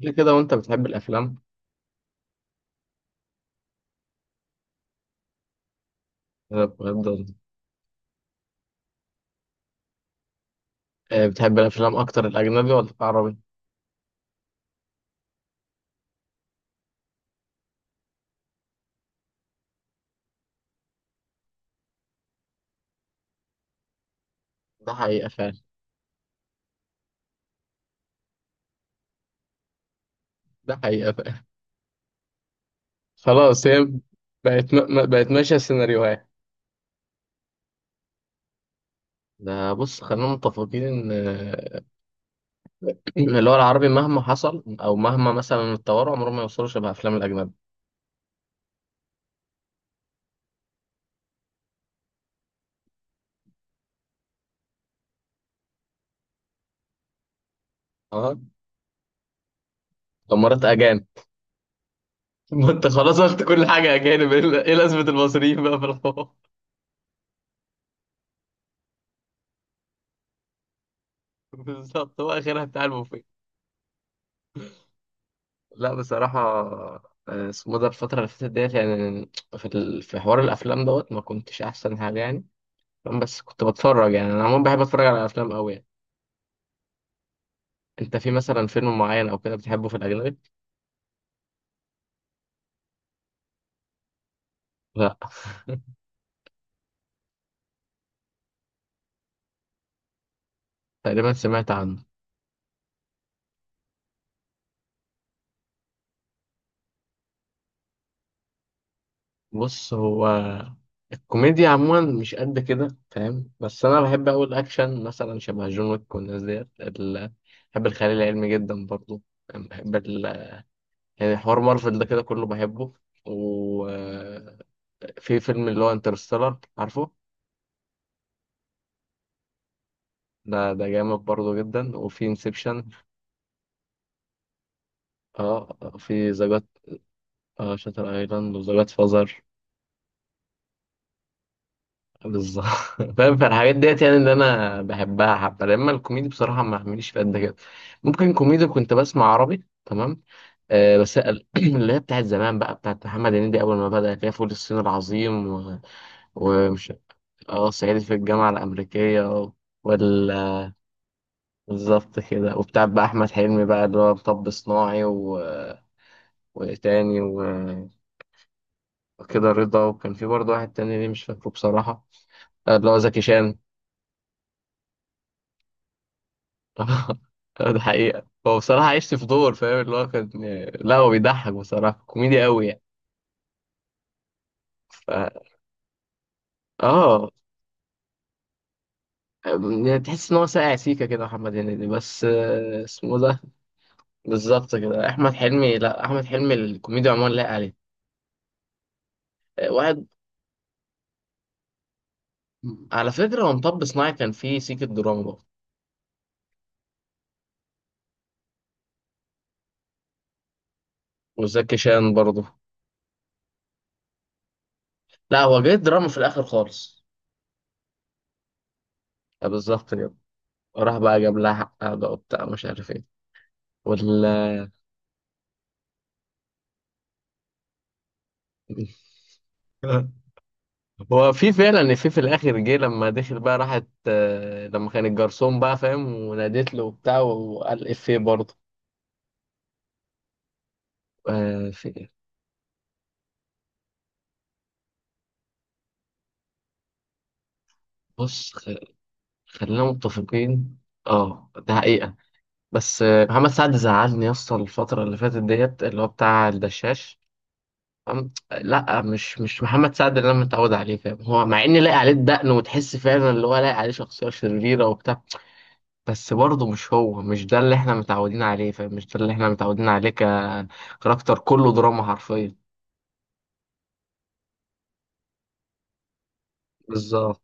ليه كده وانت بتحب الافلام؟ أنا بجد. بتحب الافلام اكتر الاجنبي ولا العربي؟ ده حقيقة فعلا. ده حقيقة فعلا. خلاص، هي بقت بقت ماشية السيناريوهات. ده بص، خلينا متفقين ان اللي هو العربي مهما حصل او مهما مثلا اتطوروا عمرهم ما يوصلوا شبه افلام الاجنبي. اه، دمرت اجانب. ما انت خلاص قلت كل حاجة اجانب، ايه إيه لازمة المصريين بقى في الحوار؟ بالظبط، هو اخرها بتاع البوفيه. لا بصراحة، اسمه ده الفترة اللي فاتت ديت يعني، في حوار الأفلام دوت ما كنتش أحسن حاجة يعني. فاهم؟ بس كنت بتفرج يعني، أنا عموما بحب أتفرج على أفلام أوي يعني. أنت في مثلا فيلم معين أو كده بتحبه في الأجنبي؟ لا، تقريبا سمعت عنه. بص هو، الكوميديا عموما مش قد كده، فاهم؟ بس أنا بحب أوي الأكشن، مثلا شبه جون ويك والناس ديت بحب الخيال العلمي جدا برضه. بحب يعني حوار مارفل ده كده كله بحبه. و في فيلم اللي هو انترستيلر، عارفه؟ ده جامد برضه جدا، وفي انسبشن. اه، في ذا جاد. اه، شاتر ايلاند وذا جاد فازر. بالظبط. فاهم، فالحاجات ديت يعني اللي انا بحبها. حبه لما الكوميدي بصراحه ما عمليش في قد كده. ممكن كوميدي كنت بسمع عربي، تمام. بس اللي هي بتاعت زمان بقى، بتاعت محمد هنيدي اول ما بدأ، اللي هي فول الصين العظيم و... ومش. اه، صعيدي في الجامعه الامريكيه. بالظبط كده، وبتاع بقى احمد حلمي بقى، اللي هو مطب صناعي و... وتاني و... وكده رضا، وكان في برضه واحد تاني، ليه مش فاكره بصراحه. اللي هو زكي شان. ده حقيقه، هو بصراحه عشت في دور، فاهم اللي هو كان. لا هو بيضحك بصراحه كوميدي قوي يعني. ف... اه. يعني تحس ان هو ساقع سيكه كده محمد هنيدي، بس اسمه ده. بالظبط كده، احمد حلمي. لا، احمد حلمي الكوميديا عموما لايق عليه. واحد. على فكره هو مطب صناعي كان فيه سيكه دراما برضه. وزكي شان برضه. لا هو جه دراما في الاخر خالص. بالظبط كده. راح بقى جاب لها حقها بقى وبتاع مش عارف ايه. ولا. هو في فعلا، في الاخر جه لما دخل بقى، راحت، لما كان الجرسون بقى فاهم ونادت له وبتاع، وقال افيه برضه. في إيه؟ بص خلينا متفقين. اه ده حقيقة. بس محمد سعد زعلني يا اسطى الفترة اللي فاتت ديت، اللي هو بتاع الدشاش. لا، مش محمد سعد اللي انا متعود عليه، فاهم؟ هو مع ان لاقي عليه الدقن وتحس فعلا اللي هو لاقي عليه شخصيه شريره وبتاع، بس برضه مش هو، مش ده اللي احنا متعودين عليه، فاهم؟ مش ده اللي احنا متعودين عليه ككاركتر، كله دراما حرفيا. بالظبط.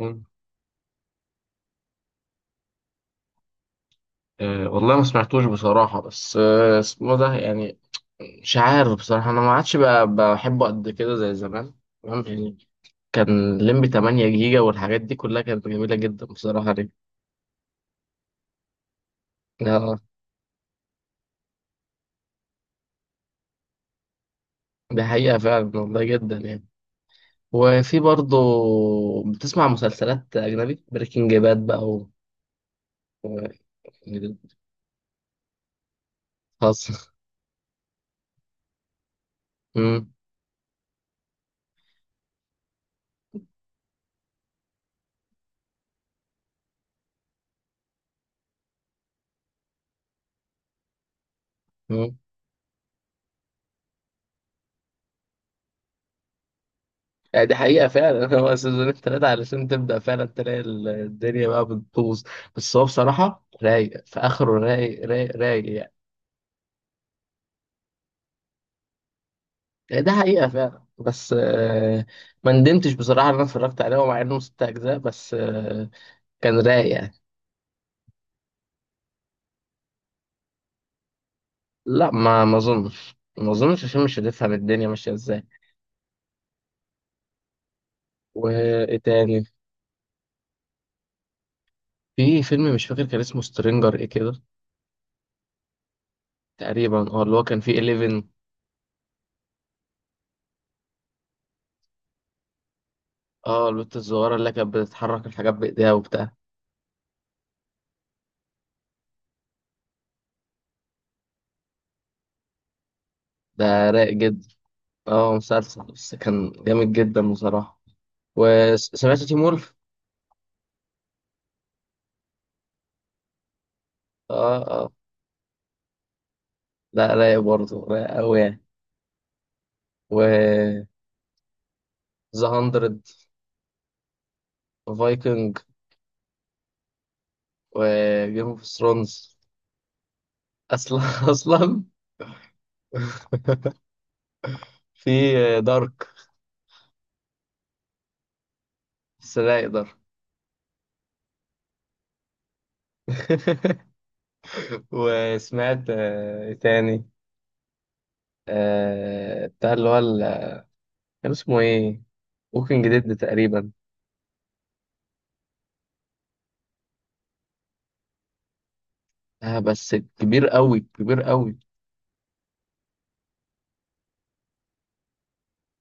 مم. أه والله ما سمعتوش بصراحه، بس اسمه ده يعني، مش عارف بصراحه، انا ما عادش بحبه قد كده زي زمان. تمام يعني. كان لمبي 8 جيجا والحاجات دي كلها كانت جميله جدا بصراحه. ليه؟ دي حقيقة فعلا والله، جدا يعني. وفي برضه، بتسمع مسلسلات أجنبي؟ بريكنج باد بقى و... و... خاصة. مم. مم. يعني دي حقيقة فعلا. هو سيزون التلاتة علشان تبدأ فعلا تلاقي الدنيا بقى بتبوظ. بس هو بصراحة رايق، في آخره رايق رايق رايق يعني. يعني ده حقيقة فعلا، بس ما ندمتش بصراحة إن أنا اتفرجت عليه، ومع إنه ست أجزاء، بس كان رايق يعني. لا، ما أظنش عشان مش هتفهم الدنيا ماشية إزاي. وايه تاني؟ في فيلم مش فاكر كان اسمه سترينجر ايه كده. تقريبا، اه، اللي هو كان فيه 11. اه، البت الصغيرة اللي كانت بتتحرك الحاجات بايديها وبتاع. ده رايق جدا. اه مسلسل، بس كان جامد جدا بصراحة. وسمعت تيم وولف. اه. اه. لا رايق برضه، رايق أوي يعني. و ذا هاندرد. فايكنج. وجيم اوف ثرونز. اصلا. اصلا. في دارك. بس رايق دارك. وسمعت، إيه تاني؟ بتاع اللي هو كان اسمه ايه، ووكينج ديد تقريبا. آه بس كبير قوي كبير قوي.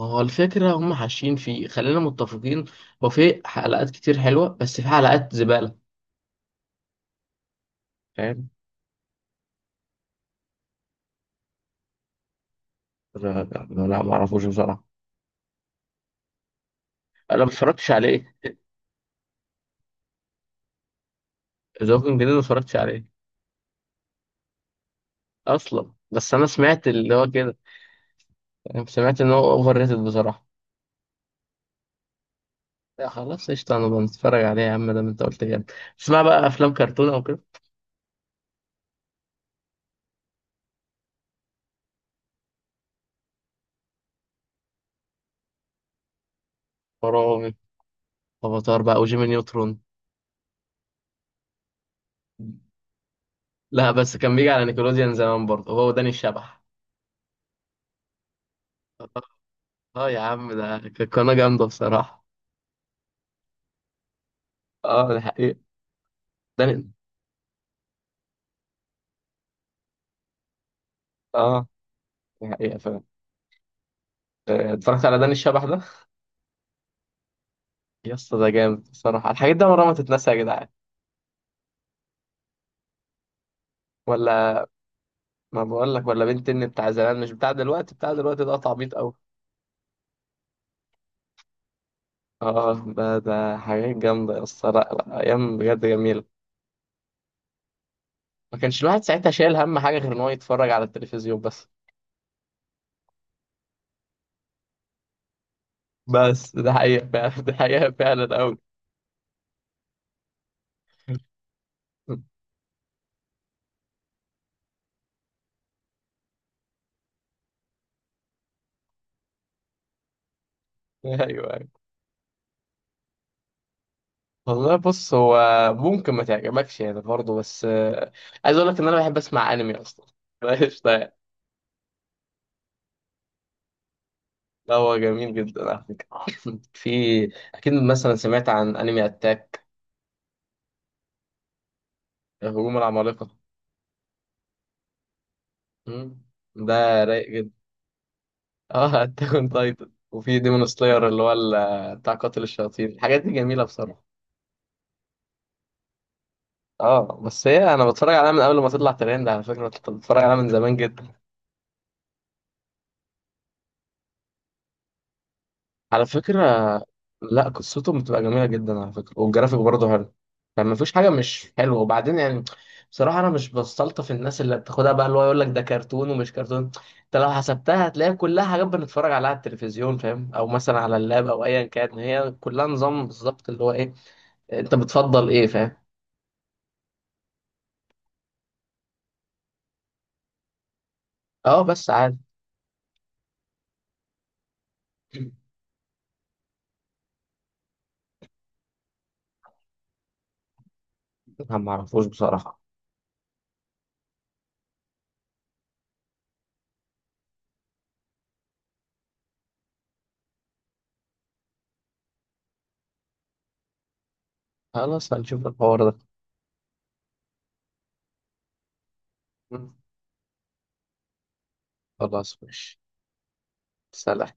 هو الفكرة هم حاشين فيه، خلينا متفقين. هو في حلقات كتير حلوة بس في حلقات زبالة. فاهم. لا لا لا، ما اعرفوش بصراحة. انا ما اتفرجتش عليه. ذا ووكينج ديد ما اتفرجتش عليه اصلا. بس انا سمعت اللي هو كده، يعني سمعت ان هو اوفر ريتد بصراحة. لا خلاص، قشطة، انا بنتفرج عليه يا عم، ده انت قلت كده. تسمع بقى افلام كرتون او كده؟ فراعنة. افاتار بقى وجيمي نيوترون. لا بس كان بيجي على نيكلوديان زمان برضه، هو وداني الشبح. اه. آه يا عم، ده كانت قناة جامدة بصراحة. اه ده حقيقة. داني. اه ده حقيقة فعلا. اتفرجت على داني الشبح ده، يا اسطى ده جامد بصراحة، الحاجات دي عمرها ما تتنسى يا جدعان. ولا، ما بقول لك، ولا بنت الني بتاع زمان مش بتاع دلوقتي، بتاع دلوقتي ده تعبيط قوي. اه، ده حاجات جامدة يا اسطى، لا لا، ايام بجد جميلة. ما كانش الواحد ساعتها شايل هم حاجة غير ان هو يتفرج على التلفزيون بس. بس ده حقيقة فعلا، ده حقيقة فعلا قوي. ايوه ايوه، والله. بص هو ممكن ما تعجبكش يعني برضه، بس عايز اقول لك ان انا بحب اسمع انمي اصلا. قشطة يعني. لا هو جميل جدا على فكره. في، اكيد مثلا سمعت عن انمي اتاك، هجوم العمالقه. مم. ده رايق جدا. اه، اتاك اون تايتن، وفي ديمون سلاير اللي هو بتاع قاتل الشياطين، الحاجات دي جميله بصراحه. اه بس هي انا بتفرج عليها من قبل ما تطلع ترند، على فكره كنت بتفرج عليها من زمان جدا. على فكرة، لا قصتهم بتبقى جميلة جدا على فكرة، والجرافيك برضه حلو، يعني مفيش حاجة مش حلوة. وبعدين يعني، بصراحة أنا مش بستلطف الناس اللي بتاخدها بقى اللي هو يقول لك ده كرتون ومش كرتون. أنت لو حسبتها هتلاقي كلها حاجات بنتفرج عليها على التلفزيون، فاهم؟ أو مثلا على اللاب، أو أيا كان، هي كلها نظام بالظبط اللي هو إيه، أنت بتفضل إيه، فاهم؟ أه بس عادي. أنا معرفوش بصراحة. خلاص، هنشوف الحوار ده. خلاص ماشي. سلام.